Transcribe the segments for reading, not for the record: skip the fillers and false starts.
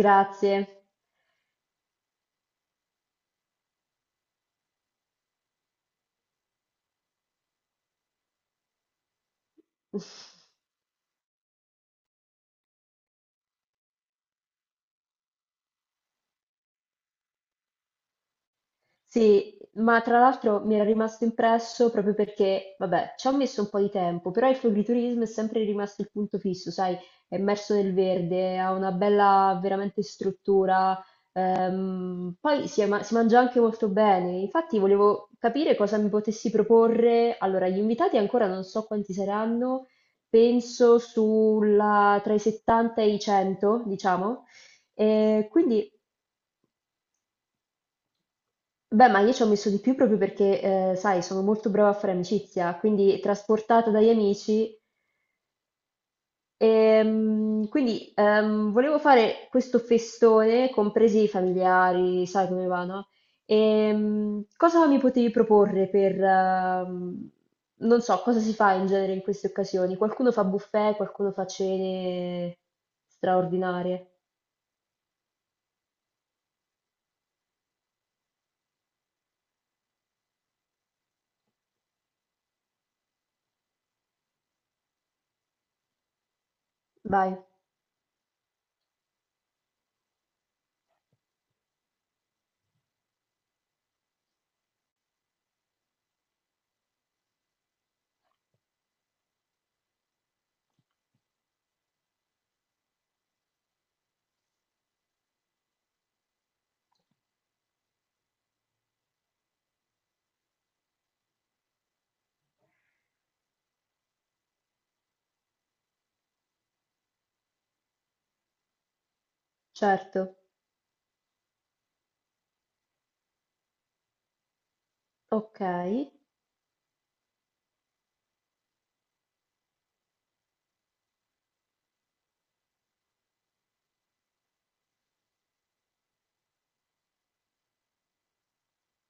Grazie. Sì, ma tra l'altro mi era rimasto impresso proprio perché, vabbè, ci ho messo un po' di tempo, però il floriturismo è sempre rimasto il punto fisso, sai, è immerso nel verde, ha una bella veramente struttura, poi si, è si mangia anche molto bene. Infatti volevo capire cosa mi potessi proporre. Allora, gli invitati ancora non so quanti saranno, penso sulla, tra i 70 e i 100, diciamo. E quindi beh, ma io ci ho messo di più proprio perché, sai, sono molto brava a fare amicizia, quindi trasportata dagli amici. Quindi volevo fare questo festone, compresi i familiari, sai come va, no? Cosa mi potevi proporre per, non so, cosa si fa in genere in queste occasioni? Qualcuno fa buffet, qualcuno fa cene straordinarie. Vai, certo. Ok.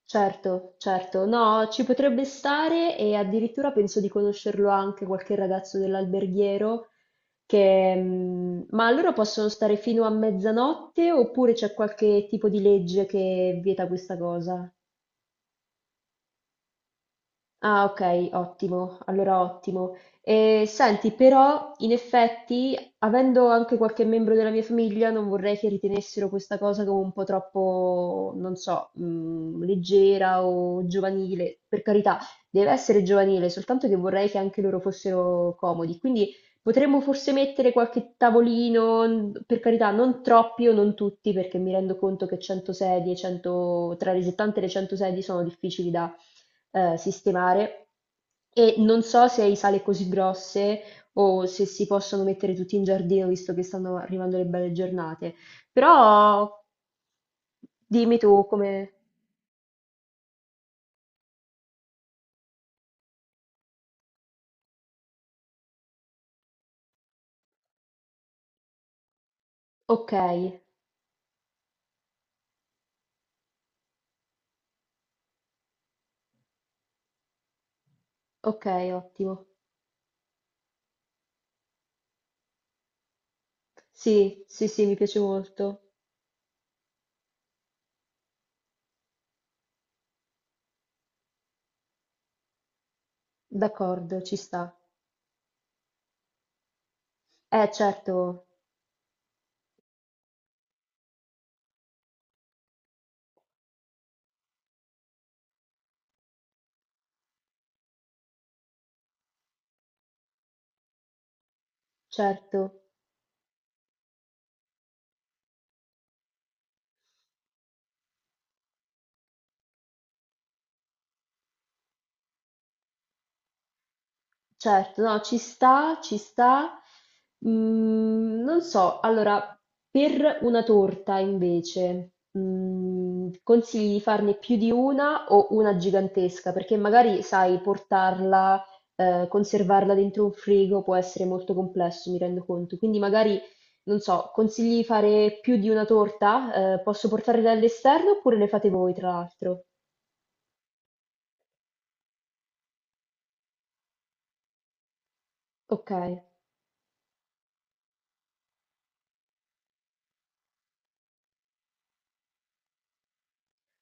Certo, certo. No, ci potrebbe stare e addirittura penso di conoscerlo anche qualche ragazzo dell'alberghiero che... ma allora possono stare fino a mezzanotte oppure c'è qualche tipo di legge che vieta questa cosa? Ah, ok, ottimo, allora ottimo. E, senti, però, in effetti, avendo anche qualche membro della mia famiglia, non vorrei che ritenessero questa cosa come un po' troppo, non so, leggera o giovanile. Per carità, deve essere giovanile, soltanto che vorrei che anche loro fossero comodi. Quindi potremmo forse mettere qualche tavolino, per carità, non troppi o non tutti, perché mi rendo conto che 100 sedie, 100, tra le 70 e le 100 sedie sono difficili da sistemare e non so se hai sale così grosse o se si possono mettere tutti in giardino visto che stanno arrivando le belle giornate, però dimmi tu come... Ok, ok, ottimo. Sì, sì, sì, mi piace molto. D'accordo, ci sta. Certo, certo. Certo, no, ci sta, ci sta. Mm, non so, allora, per una torta invece, consigli di farne più di una o una gigantesca? Perché magari, sai, portarla, conservarla dentro un frigo può essere molto complesso, mi rendo conto. Quindi magari, non so, consigli di fare più di una torta? Posso portarle dall'esterno oppure le fate voi, tra l'altro? Ok,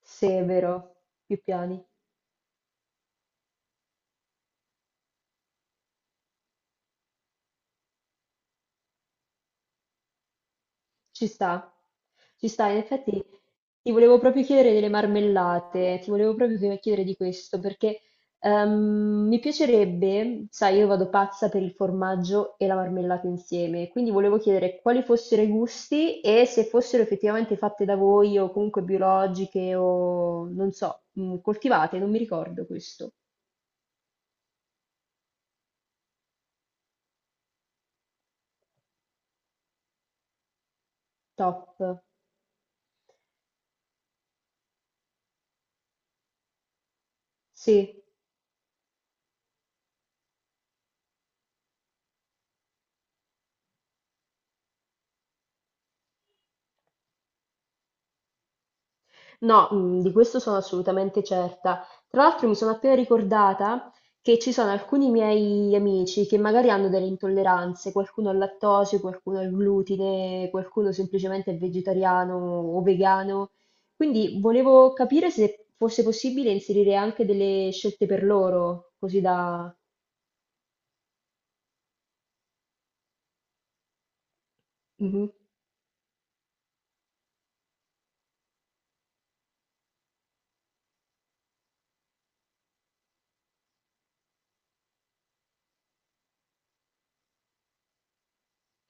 sì, è vero, più piani. Ci sta, ci sta. In effetti ti volevo proprio chiedere delle marmellate, ti volevo proprio chiedere di questo, perché mi piacerebbe, sai, io vado pazza per il formaggio e la marmellata insieme, quindi volevo chiedere quali fossero i gusti e se fossero effettivamente fatte da voi o comunque biologiche o non so, coltivate, non mi ricordo questo. Top. Sì. No, di questo sono assolutamente certa. Tra l'altro mi sono appena ricordata che ci sono alcuni miei amici che magari hanno delle intolleranze, qualcuno al lattosio, qualcuno al glutine, qualcuno semplicemente è vegetariano o vegano. Quindi volevo capire se fosse possibile inserire anche delle scelte per loro, così da... Mhm,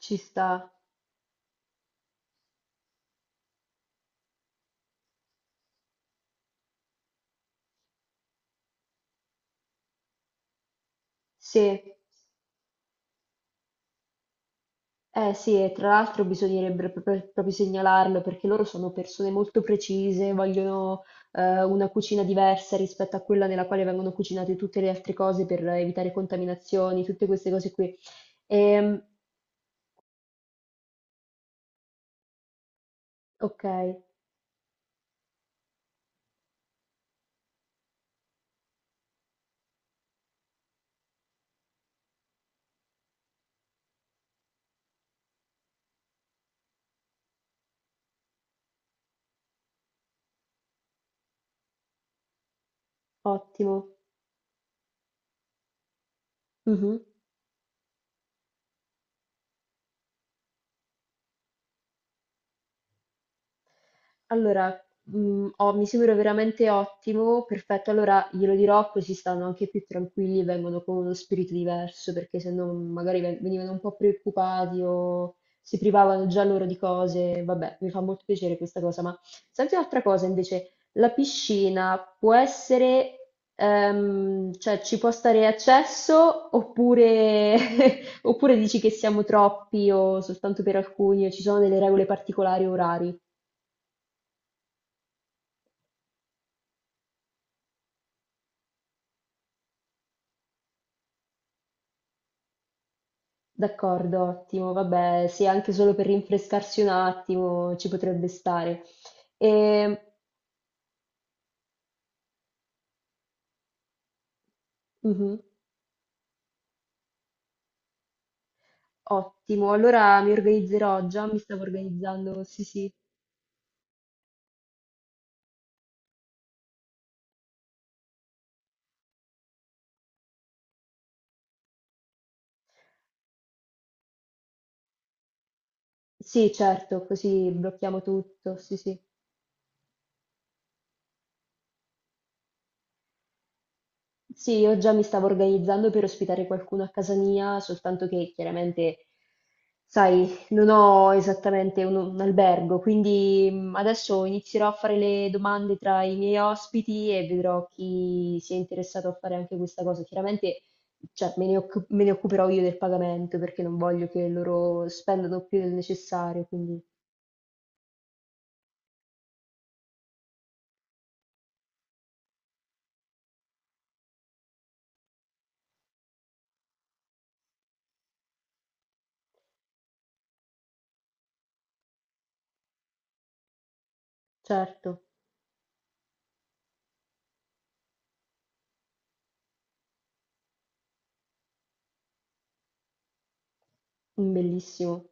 ci sta. Sì. Eh sì, e tra l'altro bisognerebbe proprio, proprio segnalarlo perché loro sono persone molto precise, vogliono una cucina diversa rispetto a quella nella quale vengono cucinate tutte le altre cose per evitare contaminazioni, tutte queste cose qui. Ehm, ok, ottimo. Mhm. Allora, ho mi sembra veramente ottimo, perfetto, allora glielo dirò così stanno anche più tranquilli e vengono con uno spirito diverso, perché se no magari ve venivano un po' preoccupati o si privavano già loro di cose. Vabbè, mi fa molto piacere questa cosa, ma senti un'altra cosa invece, la piscina può essere, cioè ci può stare accesso oppure oppure dici che siamo troppi o soltanto per alcuni o ci sono delle regole particolari o orari? D'accordo, ottimo. Vabbè, sì, anche solo per rinfrescarsi un attimo ci potrebbe stare. Ehm, mhm, ottimo, allora mi organizzerò, già mi stavo organizzando, sì, sì. Sì, certo, così blocchiamo tutto, sì, sì. Sì, io già mi stavo organizzando per ospitare qualcuno a casa mia, soltanto che chiaramente, sai, non ho esattamente un albergo, quindi adesso inizierò a fare le domande tra i miei ospiti e vedrò chi si è interessato a fare anche questa cosa. Chiaramente, cioè, me ne occuperò io del pagamento perché non voglio che loro spendano più del necessario, quindi certo, bellissimo.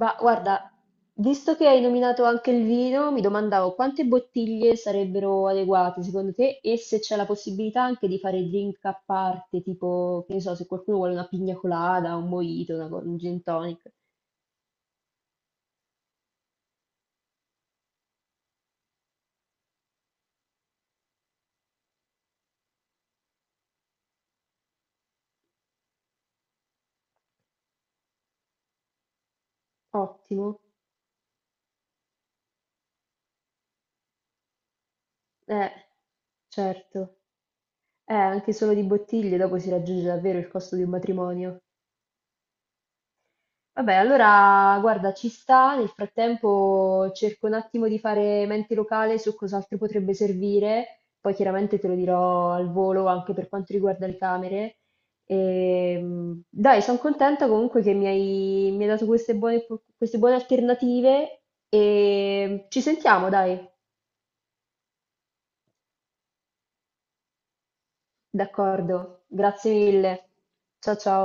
Ma guarda, visto che hai nominato anche il vino, mi domandavo quante bottiglie sarebbero adeguate secondo te e se c'è la possibilità anche di fare drink a parte, tipo, che ne so, se qualcuno vuole una pigna colada, un mojito, una, un gin tonic. Ottimo. Eh, certo. Anche solo di bottiglie dopo si raggiunge davvero il costo di un matrimonio. Vabbè, allora guarda, ci sta. Nel frattempo cerco un attimo di fare mente locale su cos'altro potrebbe servire. Poi chiaramente te lo dirò al volo anche per quanto riguarda le camere. Dai, sono contenta comunque che mi hai dato queste buone alternative e ci sentiamo, dai, d'accordo. Grazie mille. Ciao ciao.